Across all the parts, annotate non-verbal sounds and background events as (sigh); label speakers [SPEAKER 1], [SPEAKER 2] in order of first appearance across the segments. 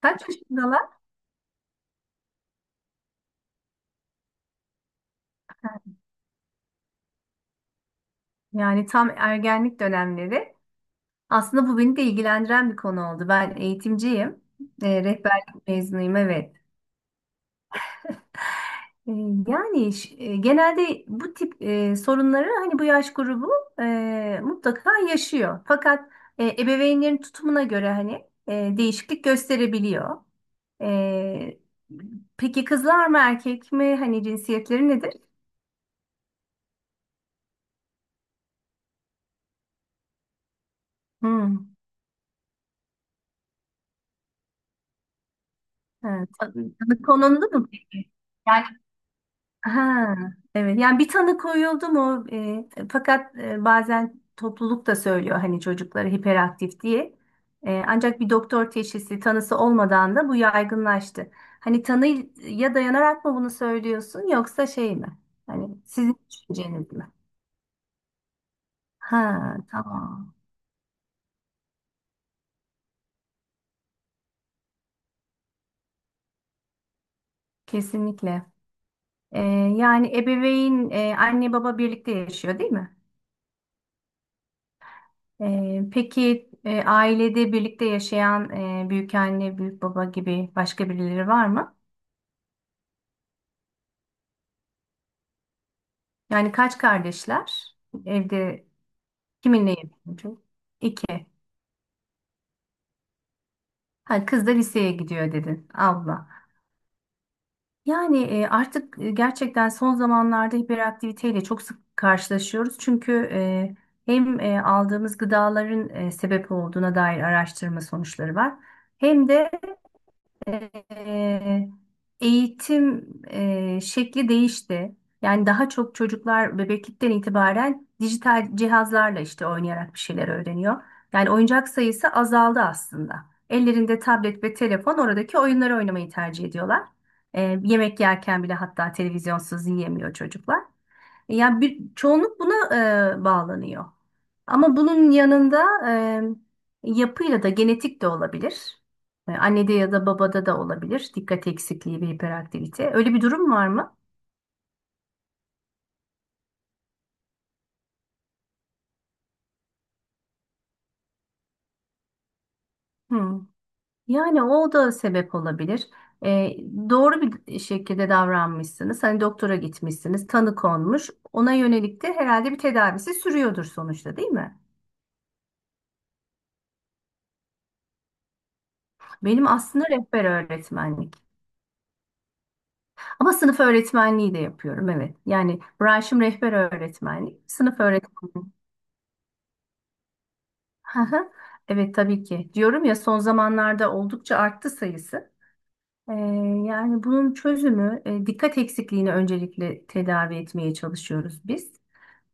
[SPEAKER 1] Kaç yaşındalar? Yani tam ergenlik dönemleri. Aslında bu beni de ilgilendiren bir konu oldu. Ben eğitimciyim. Rehberlik mezunuyum, evet. E, Genelde bu tip sorunları hani bu yaş grubu mutlaka yaşıyor. Fakat ebeveynlerin tutumuna göre hani değişiklik gösterebiliyor. E, peki kızlar mı erkek mi? Hani cinsiyetleri nedir? Hmm. Evet. Tanı konuldu mu peki? Ha, evet. Yani bir tanı koyuldu mu? Fakat bazen topluluk da söylüyor hani çocukları hiperaktif diye. Ancak bir doktor teşhisi tanısı olmadan da bu yaygınlaştı. Hani tanıya dayanarak mı bunu söylüyorsun yoksa şey mi? Hani sizin düşünceniz mi? Ha, tamam. Kesinlikle. E, Anne baba birlikte yaşıyor değil mi? Peki, ailede birlikte yaşayan büyük anne, büyük baba gibi başka birileri var mı? Yani kaç kardeşler? Evde kiminle yaşıyorsun? İki. Ha, kız da liseye gidiyor dedin. Abla. Yani artık gerçekten son zamanlarda hiperaktiviteyle çok sık karşılaşıyoruz. Çünkü hem aldığımız gıdaların sebep olduğuna dair araştırma sonuçları var. Hem de e, eğitim şekli değişti. Yani daha çok çocuklar bebeklikten itibaren dijital cihazlarla işte oynayarak bir şeyler öğreniyor. Yani oyuncak sayısı azaldı aslında. Ellerinde tablet ve telefon, oradaki oyunları oynamayı tercih ediyorlar. Yemek yerken bile hatta televizyonsuz yiyemiyor çocuklar. Yani bir çoğunluk buna bağlanıyor. Ama bunun yanında yapıyla da, genetik de olabilir. Annede ya da babada da olabilir. Dikkat eksikliği ve hiperaktivite. Öyle bir durum var mı? Hmm. Yani o da sebep olabilir. E, doğru bir şekilde davranmışsınız. Hani doktora gitmişsiniz, tanı konmuş. Ona yönelik de herhalde bir tedavisi sürüyordur sonuçta, değil mi? Benim aslında rehber öğretmenlik. Ama sınıf öğretmenliği de yapıyorum, evet. Yani branşım rehber öğretmenlik, sınıf öğretmenliği. Hı hı. Evet tabii ki. Diyorum ya, son zamanlarda oldukça arttı sayısı. Ee, Yani bunun çözümü, dikkat eksikliğini öncelikle tedavi etmeye çalışıyoruz biz.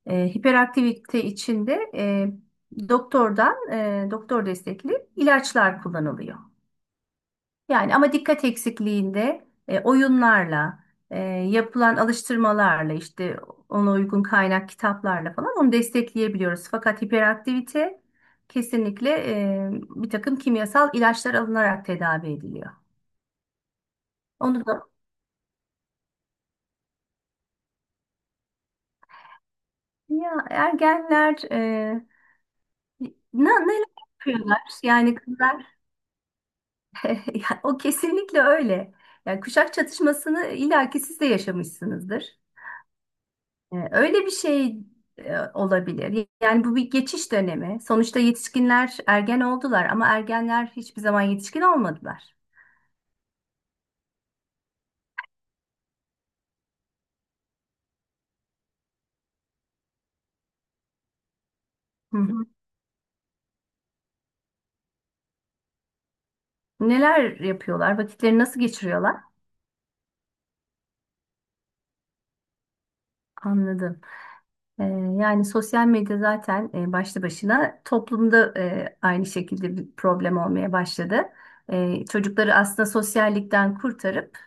[SPEAKER 1] Hiperaktivite içinde doktordan doktor destekli ilaçlar kullanılıyor. Yani ama dikkat eksikliğinde oyunlarla, e, yapılan alıştırmalarla işte ona uygun kaynak kitaplarla falan onu destekleyebiliyoruz. Fakat hiperaktivite kesinlikle bir takım kimyasal ilaçlar alınarak tedavi ediliyor. Onu da ya, ergenler neler yapıyorlar? Yani kızlar (laughs) ya, o kesinlikle öyle. Yani kuşak çatışmasını illaki siz de yaşamışsınızdır. Öyle bir şey olabilir. Yani bu bir geçiş dönemi. Sonuçta yetişkinler ergen oldular ama ergenler hiçbir zaman yetişkin olmadılar. Hı hı. Neler yapıyorlar? Vakitleri nasıl geçiriyorlar? Anladım. E, Yani sosyal medya zaten başlı başına toplumda aynı şekilde bir problem olmaya başladı. Çocukları aslında sosyallikten kurtarıp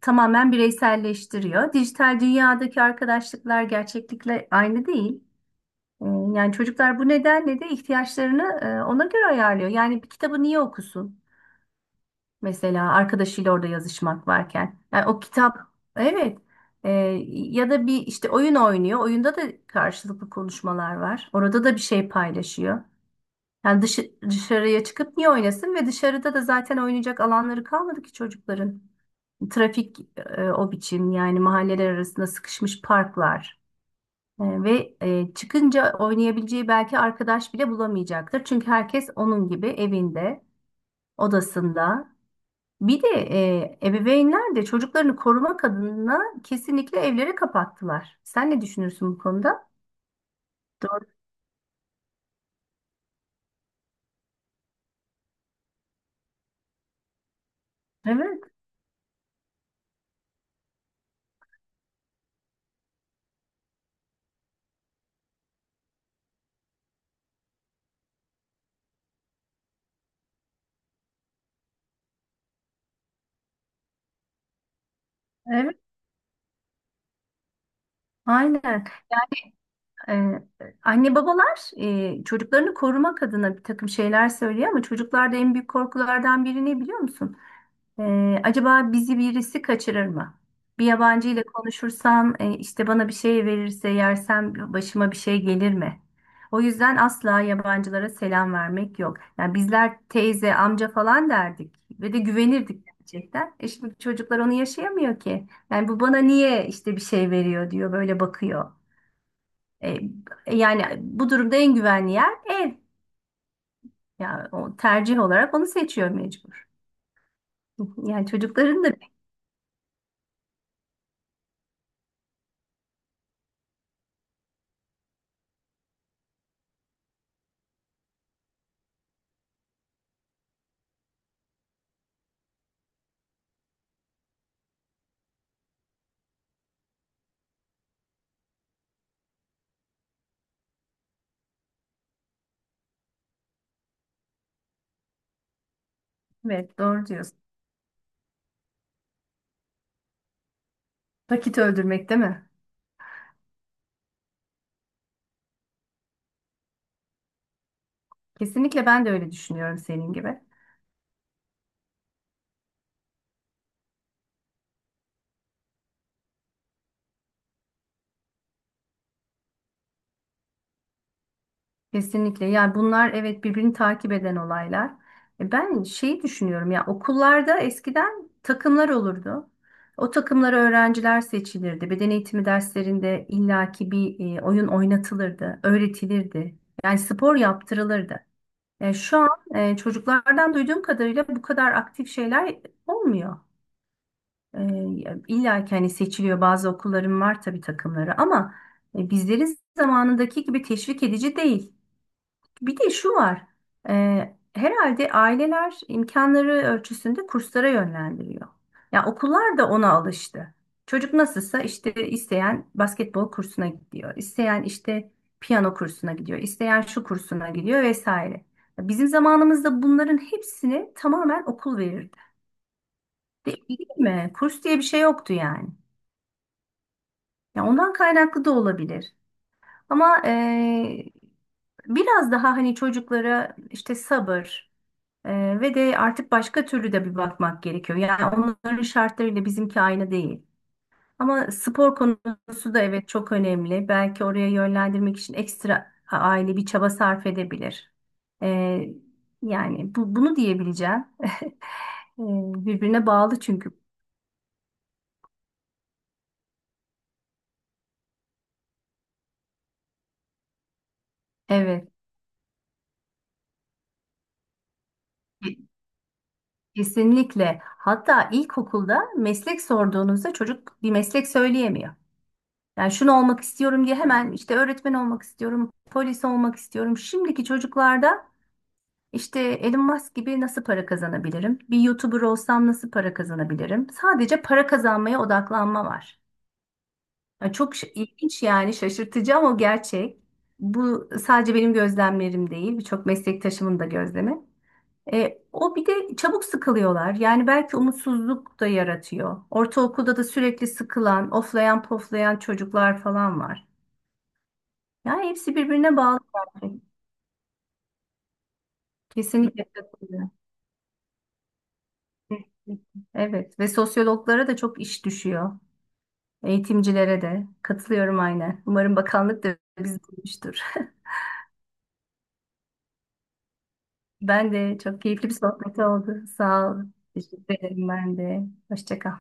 [SPEAKER 1] tamamen bireyselleştiriyor. Dijital dünyadaki arkadaşlıklar gerçeklikle aynı değil. E, Yani çocuklar bu nedenle de ihtiyaçlarını ona göre ayarlıyor. Yani bir kitabı niye okusun? Mesela arkadaşıyla orada yazışmak varken. Yani o kitap, evet. E, Ya da bir işte oyun oynuyor. Oyunda da karşılıklı konuşmalar var. Orada da bir şey paylaşıyor. Yani dışarıya çıkıp niye oynasın? Ve dışarıda da zaten oynayacak alanları kalmadı ki çocukların. Trafik o biçim, yani mahalleler arasında sıkışmış parklar. Çıkınca oynayabileceği belki arkadaş bile bulamayacaktır. Çünkü herkes onun gibi evinde, odasında. Bir de ebeveynler de çocuklarını korumak adına kesinlikle evleri kapattılar. Sen ne düşünürsün bu konuda? Doğru. Evet, evet. Aynen. E, Anne babalar çocuklarını korumak adına bir takım şeyler söylüyor ama çocuklarda en büyük korkulardan biri ne biliyor musun? Acaba bizi birisi kaçırır mı? Bir yabancı ile konuşursam, işte bana bir şey verirse yersem başıma bir şey gelir mi? O yüzden asla yabancılara selam vermek yok. Yani bizler teyze, amca falan derdik ve de güvenirdik gerçekten. E şimdi çocuklar onu yaşayamıyor ki. Yani bu bana niye işte bir şey veriyor diyor, böyle bakıyor. E, Yani bu durumda en güvenli yer ev. Yani o, tercih olarak onu seçiyor mecbur. (laughs) Yani çocukların da evet, doğru diyorsun. Vakit öldürmek değil mi? Kesinlikle ben de öyle düşünüyorum senin gibi. Kesinlikle. Yani bunlar evet birbirini takip eden olaylar. E ben şeyi düşünüyorum, ya okullarda eskiden takımlar olurdu. O takımlara öğrenciler seçilirdi. Beden eğitimi derslerinde illaki bir oyun oynatılırdı, öğretilirdi. Yani spor yaptırılırdı. Şu an çocuklardan duyduğum kadarıyla bu kadar aktif şeyler olmuyor. E, illa ki hani seçiliyor, bazı okulların var tabii takımları ama bizleri zamanındaki gibi teşvik edici değil. Bir de şu var. e, Herhalde aileler imkanları ölçüsünde kurslara yönlendiriyor. Ya okullar da ona alıştı. Çocuk nasılsa işte, isteyen basketbol kursuna gidiyor, isteyen işte piyano kursuna gidiyor, isteyen şu kursuna gidiyor vesaire. Bizim zamanımızda bunların hepsini tamamen okul verirdi. Değil mi? Kurs diye bir şey yoktu yani. Ya ondan kaynaklı da olabilir. Ama biraz daha hani çocuklara işte sabır, ve de artık başka türlü de bir bakmak gerekiyor. Yani onların şartlarıyla bizimki aynı değil. Ama spor konusu da evet çok önemli. Belki oraya yönlendirmek için ekstra aile bir çaba sarf edebilir. Eee, yani bunu diyebileceğim. (laughs) Eee, Birbirine bağlı çünkü. Evet. Kesinlikle. Hatta ilkokulda meslek sorduğunuzda çocuk bir meslek söyleyemiyor. Yani şunu olmak istiyorum diye, hemen işte öğretmen olmak istiyorum, polis olmak istiyorum. Şimdiki çocuklarda işte Elon Musk gibi nasıl para kazanabilirim? Bir YouTuber olsam nasıl para kazanabilirim? Sadece para kazanmaya odaklanma var. Yani çok ilginç, yani şaşırtıcı ama gerçek. Bu sadece benim gözlemlerim değil, birçok meslektaşımın da gözlemi. O bir de çabuk sıkılıyorlar. Yani belki umutsuzluk da yaratıyor. Ortaokulda da sürekli sıkılan, oflayan poflayan çocuklar falan var. Yani hepsi birbirine bağlı gerçekten. Kesinlikle katılıyorum. Evet, ve sosyologlara da çok iş düşüyor. Eğitimcilere de katılıyorum aynen. Umarım bakanlık da bizi duymuştur. (laughs) Ben de, çok keyifli bir sohbet oldu. Sağ ol. Teşekkür ederim ben de. Hoşça kal.